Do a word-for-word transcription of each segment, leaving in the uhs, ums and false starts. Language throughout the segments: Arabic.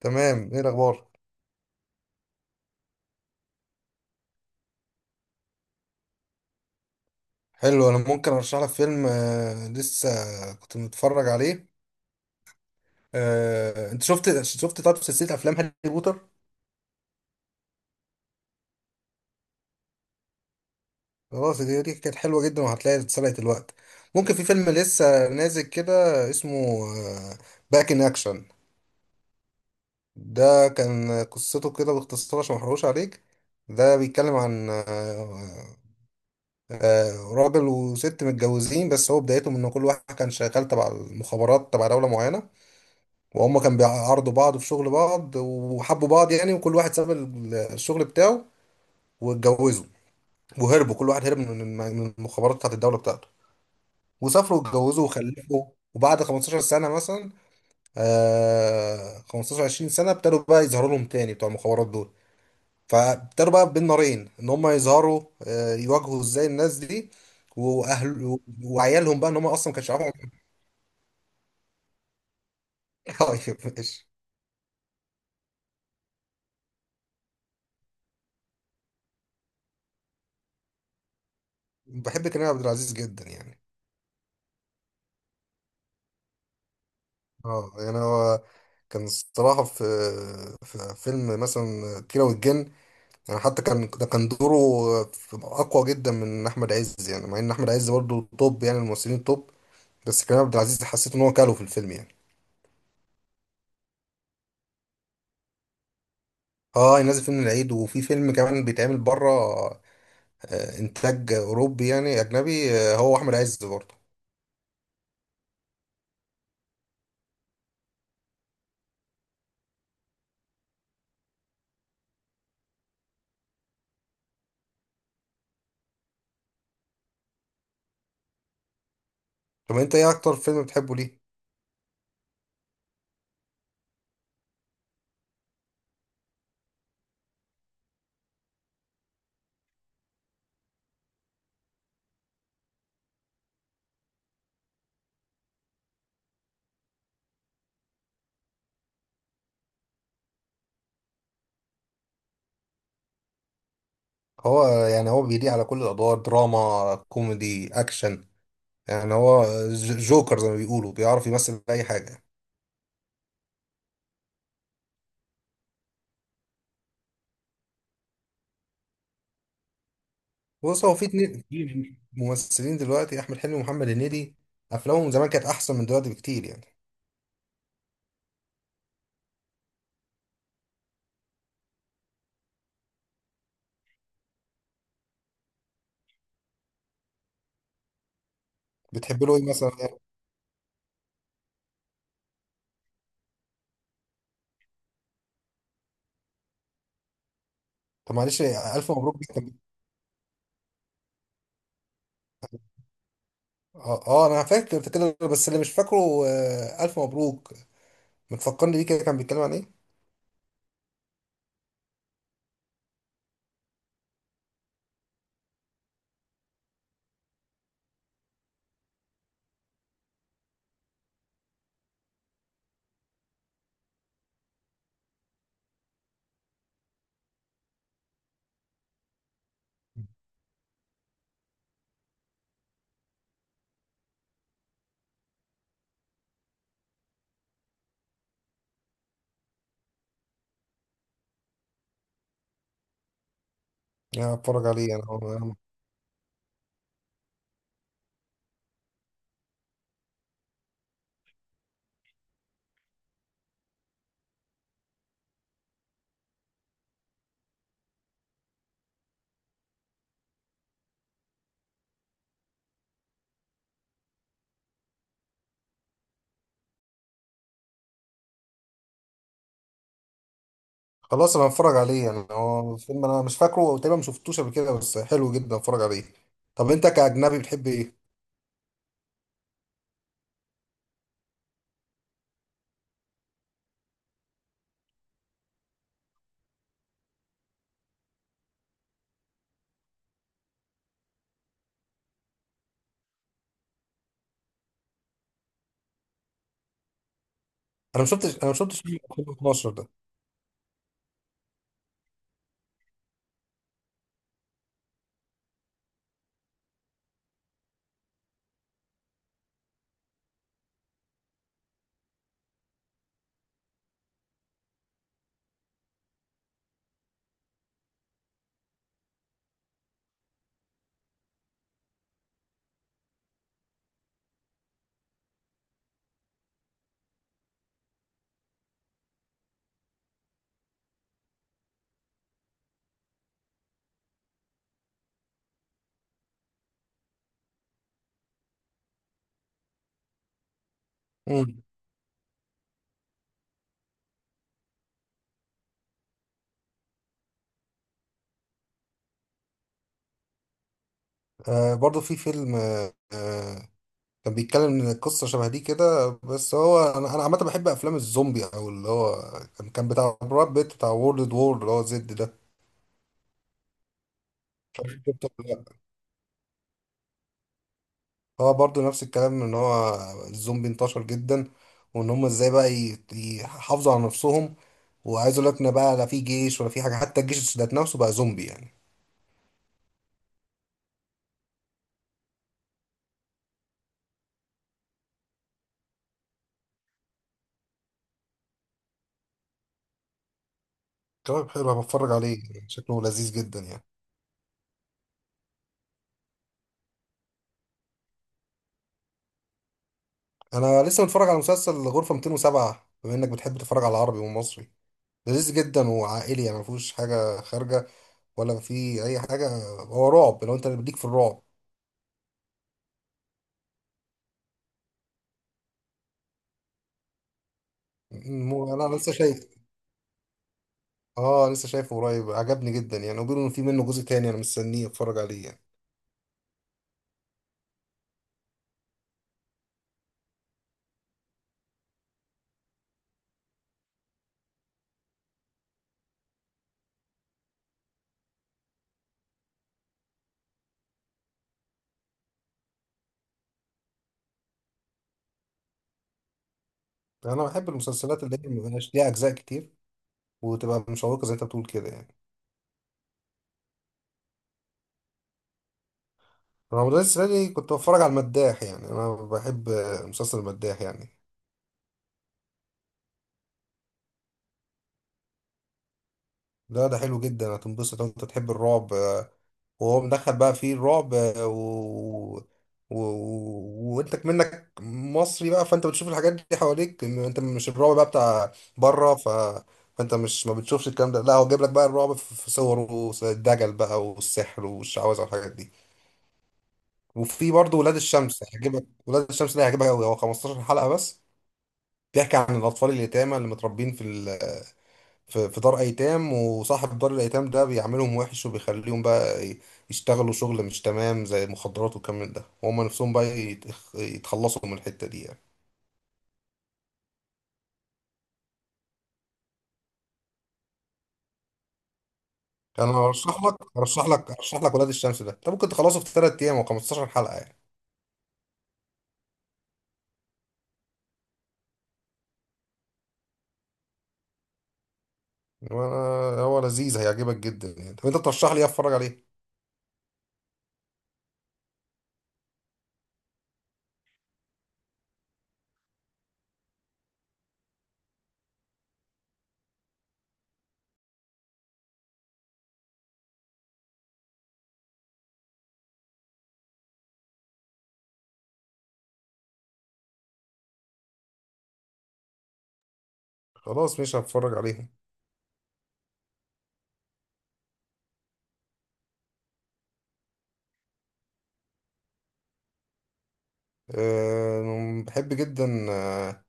تمام. ايه الاخبار؟ حلو، انا ممكن ارشح لك فيلم آه لسه كنت متفرج عليه. آه انت شفت شفت طب سلسله افلام هاري بوتر. خلاص، دي دي كانت حلوه جدا وهتلاقي اتسرقت الوقت. ممكن في فيلم لسه نازل كده اسمه باك ان اكشن. ده كان قصته كده باختصار عشان ما احرقوش عليك. ده بيتكلم عن آه، آه، راجل وست متجوزين، بس هو بدايته من ان كل واحد كان شغال تبع المخابرات تبع دولة معينة، وهم كانوا بيعرضوا بعض في شغل بعض وحبوا بعض يعني، وكل واحد ساب ال- الشغل بتاعه واتجوزوا وهربوا. كل واحد هرب من من من المخابرات بتاعت الدولة بتاعته، وسافروا واتجوزوا وخلفوا. وبعد 15 سنة مثلا، آه خمستاشر 20 سنة ابتدوا بقى يظهروا لهم تاني بتوع المخابرات دول. فابتدوا بقى بين نارين ان هم يظهروا آه يواجهوا ازاي الناس دي واهل وعيالهم، بقى ان هم اصلا ما كانش عارفهم. طيب ماشي. بحب كريم عبد العزيز جدا يعني. اه يعني هو كان الصراحة في في فيلم مثلا كيرة والجن، يعني حتى كان ده كان دوره في- أقوى جدا من أحمد عز يعني، مع إن أحمد عز برضه توب، يعني الممثلين توب، بس كريم عبد العزيز حسيت إن هو كاله في الفيلم يعني. اه نازل فيلم العيد، وفي فيلم كمان بيتعمل بره، آه، إنتاج أوروبي يعني أجنبي، آه، هو أحمد عز برضه. طب أنت إيه أكتر فيلم بتحبه ليه؟ هو يعني هو بيليق على كل الأدوار، دراما، كوميدي، أكشن. يعني هو ج- جوكر زي ما بيقولوا، بيعرف يمثل اي حاجه. بص هو في اتنين في ممثلين دلوقتي، احمد حلمي ومحمد هنيدي، افلامهم زمان كانت احسن من دلوقتي بكتير يعني. بتحب له ايه مثلا يعني؟ طب معلش، الف مبروك دي كان- اه آه، انا فاكر كده بس اللي مش فاكره، آه، الف مبروك متفكرني بيه، كده كان بيتكلم عن ايه؟ يعني اتفرج عليه. يعني هو- خلاص انا هتفرج عليه. يعني هو فيلم انا مش فاكره وتقريبا ما شفتوش قبل كده، بس حلو جدا، اتفرج عليه. طب انت كاجنبي بتحب ايه؟ انا ما شفتش انا ما شفتش فيلم ألفين واتناشر ده. آه برضو في فيلم آه آه، كان بيتكلم ان قصة شبه دي كده، بس هو انا، انا عامة بحب افلام الزومبي، او اللي هو كان كان بتاع براد بيت، بتاع وورلد وور اللي هو زد ده. مش عارف شفته ولا لأ. هو برضو نفس الكلام، ان هو الزومبي انتشر جدا، وان هم ازاي بقى ي- يحافظوا على نفسهم. وعايز اقول لك ان بقى لا في جيش ولا في حاجة، حتى الجيش ذات نفسه بقى زومبي يعني. طيب حلو، بتفرج عليه، شكله لذيذ جدا يعني. انا لسه متفرج على مسلسل غرفة مائتين وسبعة، بما انك بتحب تتفرج على عربي ومصري. لذيذ جدا وعائلي يعني، ما فيهوش حاجه خارجه ولا في اي حاجه. هو رعب، لو انت ليك في الرعب. مو انا لسه شايف. اه لسه شايفه قريب، عجبني جدا يعني، وبيقولوا ان في منه جزء تاني، انا مستنيه اتفرج عليه يعني. انا بحب المسلسلات اللي هي مبقاش ليها اجزاء كتير، وتبقى مشوقه زي انت بتقول كده يعني. رمضان السنه دي كنت بتفرج على المداح، يعني انا بحب مسلسل المداح يعني. لا ده حلو جدا، هتنبسط. انت تحب الرعب، آه، وهو مدخل بقى فيه الرعب، آه، و... و... و... وانت منك مصري بقى، فانت بتشوف الحاجات دي حواليك. م- انت مش الرعب بقى بتاع بره، ف... فانت مش ما بتشوفش الكلام ده. لا، هو جايب لك بقى الرعب في في صوره الدجل بقى، والسحر والشعوذه والحاجات دي. وفي برضه ولاد الشمس، هيعجبك. ولاد الشمس ده هيعجبك قوي، هو 15 حلقه بس. بيحكي عن الاطفال اليتامى اللي متربين في في في دار ايتام، وصاحب دار الايتام ده بيعملهم وحش، وبيخليهم بقى ي- يشتغلوا شغل مش تمام زي مخدرات والكلام من ده، وهم نفسهم بقى يتخ- يتخلصوا من الحتة دي يعني. انا ارشح لك ارشح لك ارشح لك ولاد الشمس ده، انت ممكن تخلصه في 3 ايام، و15 حلقة يعني. هو هو لذيذ، هيعجبك جدا يعني. طب انت ترشح لي ايه اتفرج عليه؟ خلاص، مش هتفرج عليهم. أه بحب جدا، آه،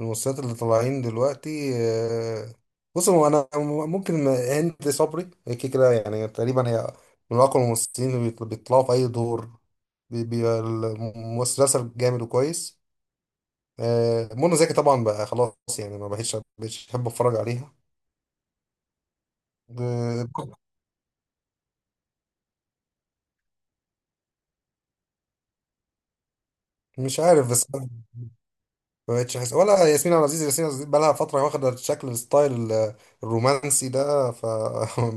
الممثلات اللي طالعين دلوقتي. آه، بص هو انا، ممكن ما- هند صبري هي كده كده يعني، تقريبا هي من اقوى الممثلين اللي بيطل- بيطلعوا في اي دور، بي- بيبقى المسلسل جامد وكويس. آه، منى زكي طبعا بقى خلاص يعني، ما بقتش بقتش احب اتفرج عليها. آه، مش عارف بس أنا ما بقتش احس، ولا ياسمين عبد العزيز. ياسمين عبد العزيز بقى لها فتره واخده شكل الستايل الرومانسي ده، ف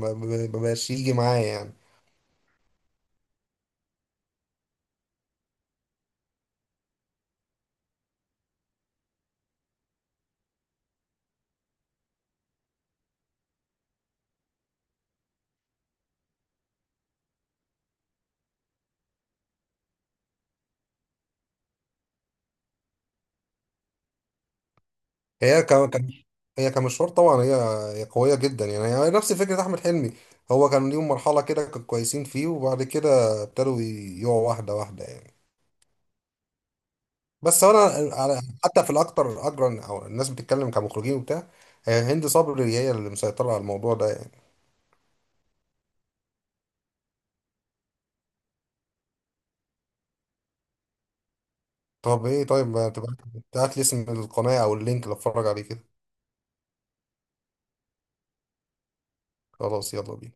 ما بقاش يجي معايا يعني. هي ك- كان هي كمشوار طبعا، هي هي قوية جدا يعني. هي نفس فكرة أحمد حلمي، هو كان ليهم مرحلة كده كانوا كويسين فيه، وبعد كده ابتدوا يقعوا واحدة واحدة يعني. بس أنا على حتى في الأكتر أجرا، أو الناس بتتكلم كمخرجين وبتاع، هي هند صبري هي اللي مسيطرة على الموضوع ده يعني. طب إيه، طيب ما تبعت، تبعت لي اسم القناة أو اللينك اللي أتفرج عليه كده. خلاص يلا بينا.